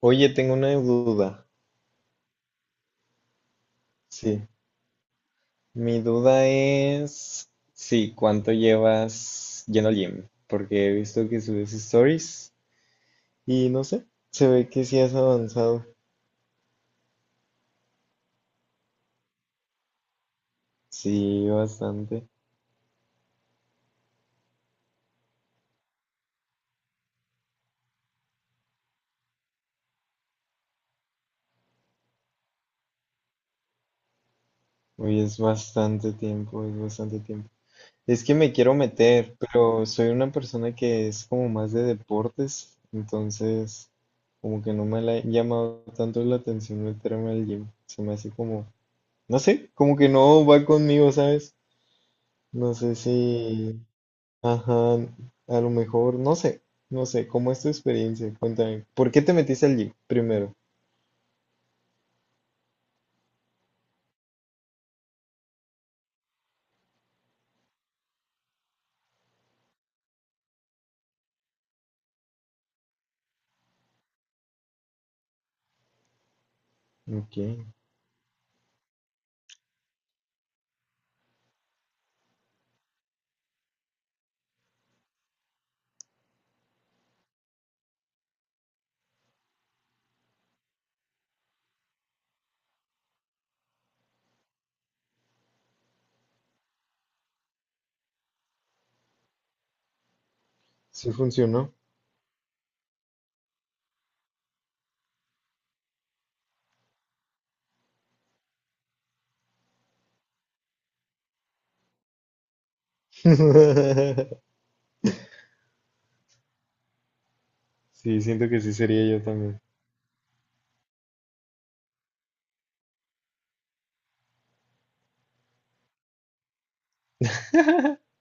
Oye, tengo una duda. Sí, mi duda es, sí, ¿cuánto llevas lleno al gym? Porque he visto que subes stories y no sé, se ve que sí has avanzado. Sí, bastante. Oye, es bastante tiempo, es bastante tiempo. Es que me quiero meter, pero soy una persona que es como más de deportes, entonces como que no me la ha llamado tanto la atención meterme al gym. Se me hace como, no sé, como que no va conmigo, ¿sabes? No sé si, ajá, a lo mejor, no sé, no sé, ¿cómo es tu experiencia? Cuéntame, ¿por qué te metiste al gym primero? Ok, sí funcionó. Sí, siento que sí sería yo también.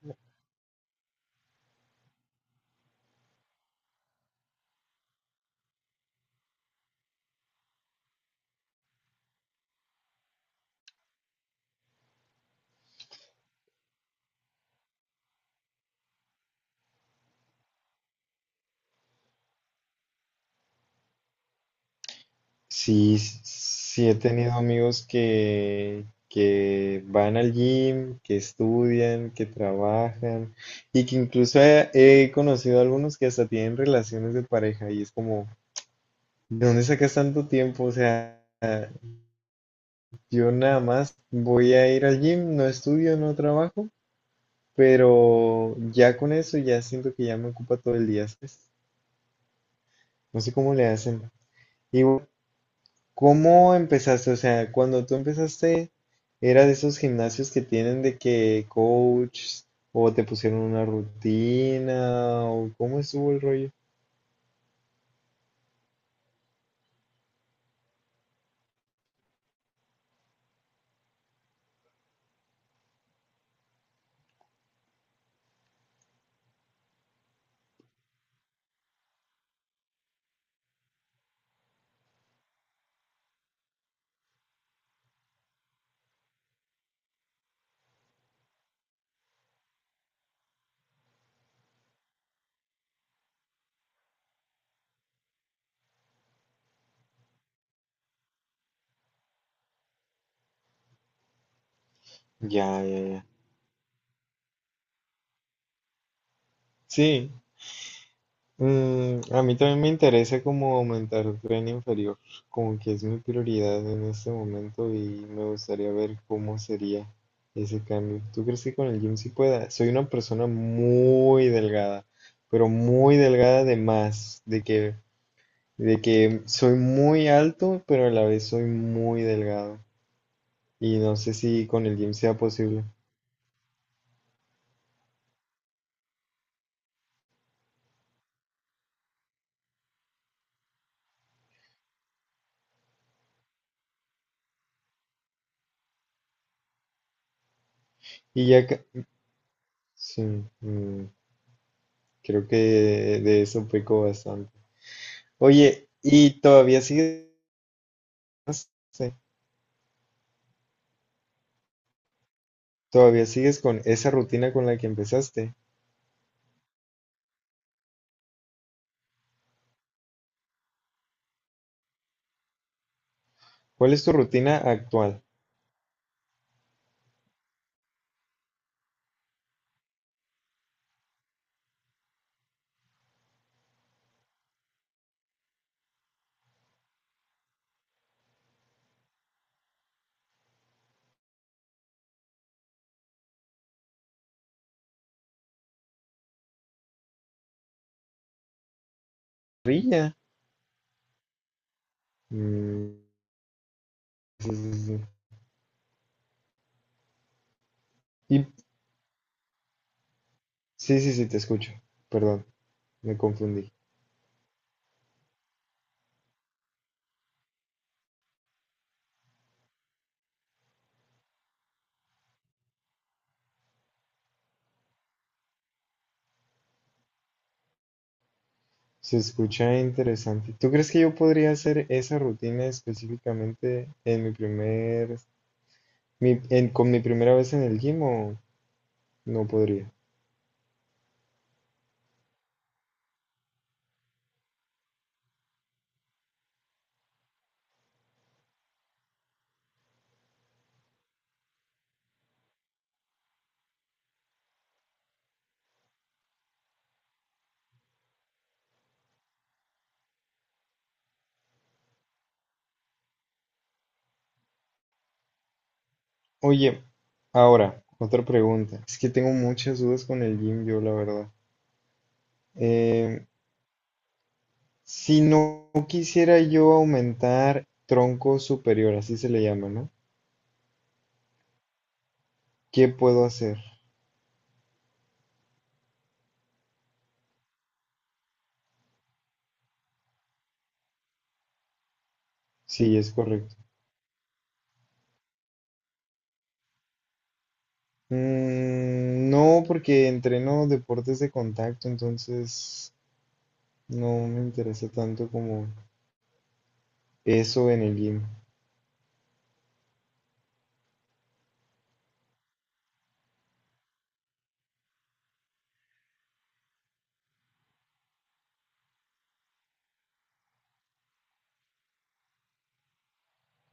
Sí, sí he tenido amigos que van al gym, que estudian, que trabajan y que incluso he, he conocido algunos que hasta tienen relaciones de pareja y es como, ¿de dónde sacas tanto tiempo? O sea... Yo nada más voy a ir al gym, no estudio, no trabajo, pero ya con eso ya siento que ya me ocupa todo el día, ¿sabes? No sé cómo le hacen. Y bueno, ¿cómo empezaste? O sea, cuando tú empezaste, ¿era de esos gimnasios que tienen de que coach o te pusieron una rutina o cómo estuvo el rollo? Ya, ya, ya. Sí. Mm, a mí también me interesa como aumentar el tren inferior, como que es mi prioridad en este momento y me gustaría ver cómo sería ese cambio. ¿Tú crees que con el gym sí pueda? Soy una persona muy delgada, pero muy delgada de más, de que soy muy alto, pero a la vez soy muy delgado. Y no sé si con el gym sea posible. Y ya que... Sí, mm, creo que de eso peco bastante. Oye, ¿todavía sigues con esa rutina con la que empezaste? ¿Cuál es tu rutina actual? Parrilla. Mm, sí, sí, sí. Y- sí, sí, sí, te escucho. Perdón, me confundí. Se escucha interesante. ¿Tú crees que yo podría hacer esa rutina específicamente en con mi primera vez en el gym o no podría? Oye, ahora, otra pregunta. Es que tengo muchas dudas con el gym, yo la verdad. Em, Si no quisiera yo aumentar tronco superior, así se le llama, ¿no? ¿Qué puedo hacer? Sí, es correcto. Mm, no, porque entreno deportes de contacto, entonces no me interesa tanto como eso en el gym.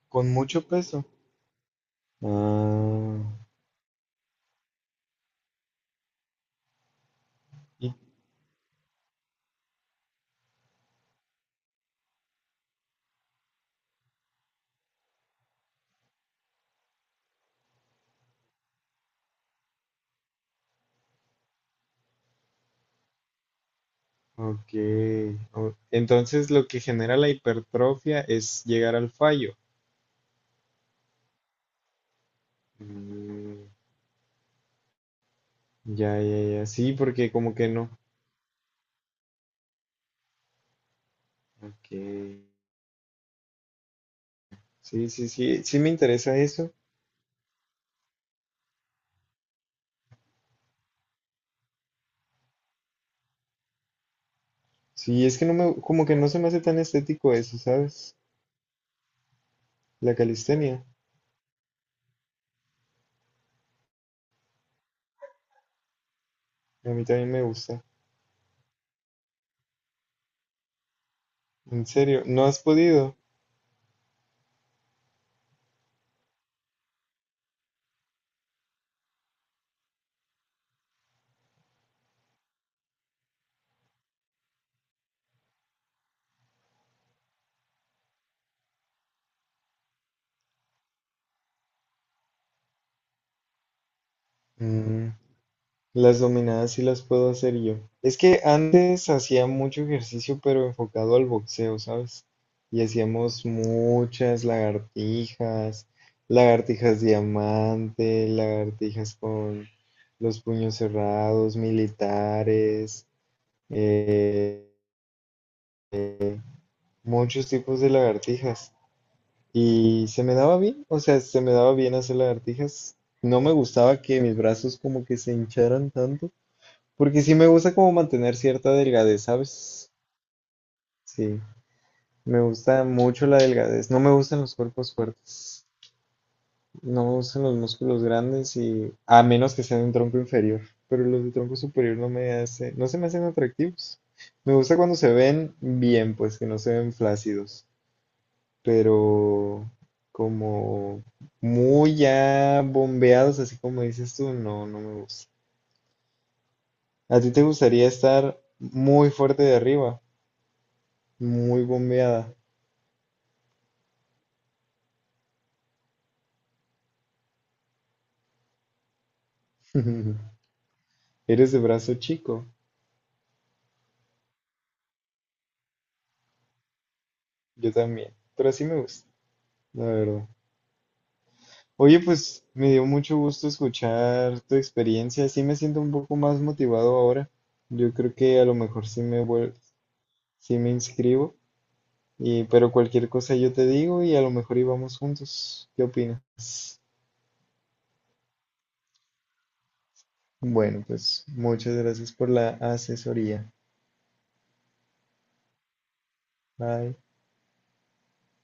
Con mucho peso. Ah, y- ok. Entonces lo que genera la hipertrofia es llegar al fallo. Mm, ya, ya, ya. Sí, porque como que no. Ok. Sí, sí, sí, sí me interesa eso. Sí, es que no me, como que no se me hace tan estético eso, ¿sabes? La calistenia, a mí también me gusta. En serio, ¿no has podido? Mm, las dominadas sí las puedo hacer yo. Es que antes hacía mucho ejercicio, pero enfocado al boxeo, ¿sabes? Y hacíamos muchas lagartijas, lagartijas diamante, lagartijas con los puños cerrados, militares, eh, muchos tipos de lagartijas y se me daba bien, o sea, se me daba bien hacer lagartijas. No me gustaba que mis brazos como que se hincharan tanto, porque sí me gusta como mantener cierta delgadez, ¿sabes? Sí, me gusta mucho la delgadez. No me gustan los cuerpos fuertes, no me gustan los músculos grandes y a menos que sean de un tronco inferior, pero los de tronco superior no me hace, no se me hacen atractivos. Me gusta cuando se ven bien, pues que no se ven flácidos. Pero como muy ya bombeados, así como dices tú, no, no me gusta. ¿A ti te gustaría estar muy fuerte de arriba, muy bombeada? Eres de brazo chico, yo también, pero así me gusta, la verdad. Oye, pues me dio mucho gusto escuchar tu experiencia, sí me siento un poco más motivado ahora. Yo creo que a lo mejor sí me inscribo. Y, pero cualquier cosa yo te digo y a lo mejor íbamos juntos. ¿Qué opinas? Bueno, pues muchas gracias por la asesoría. Bye.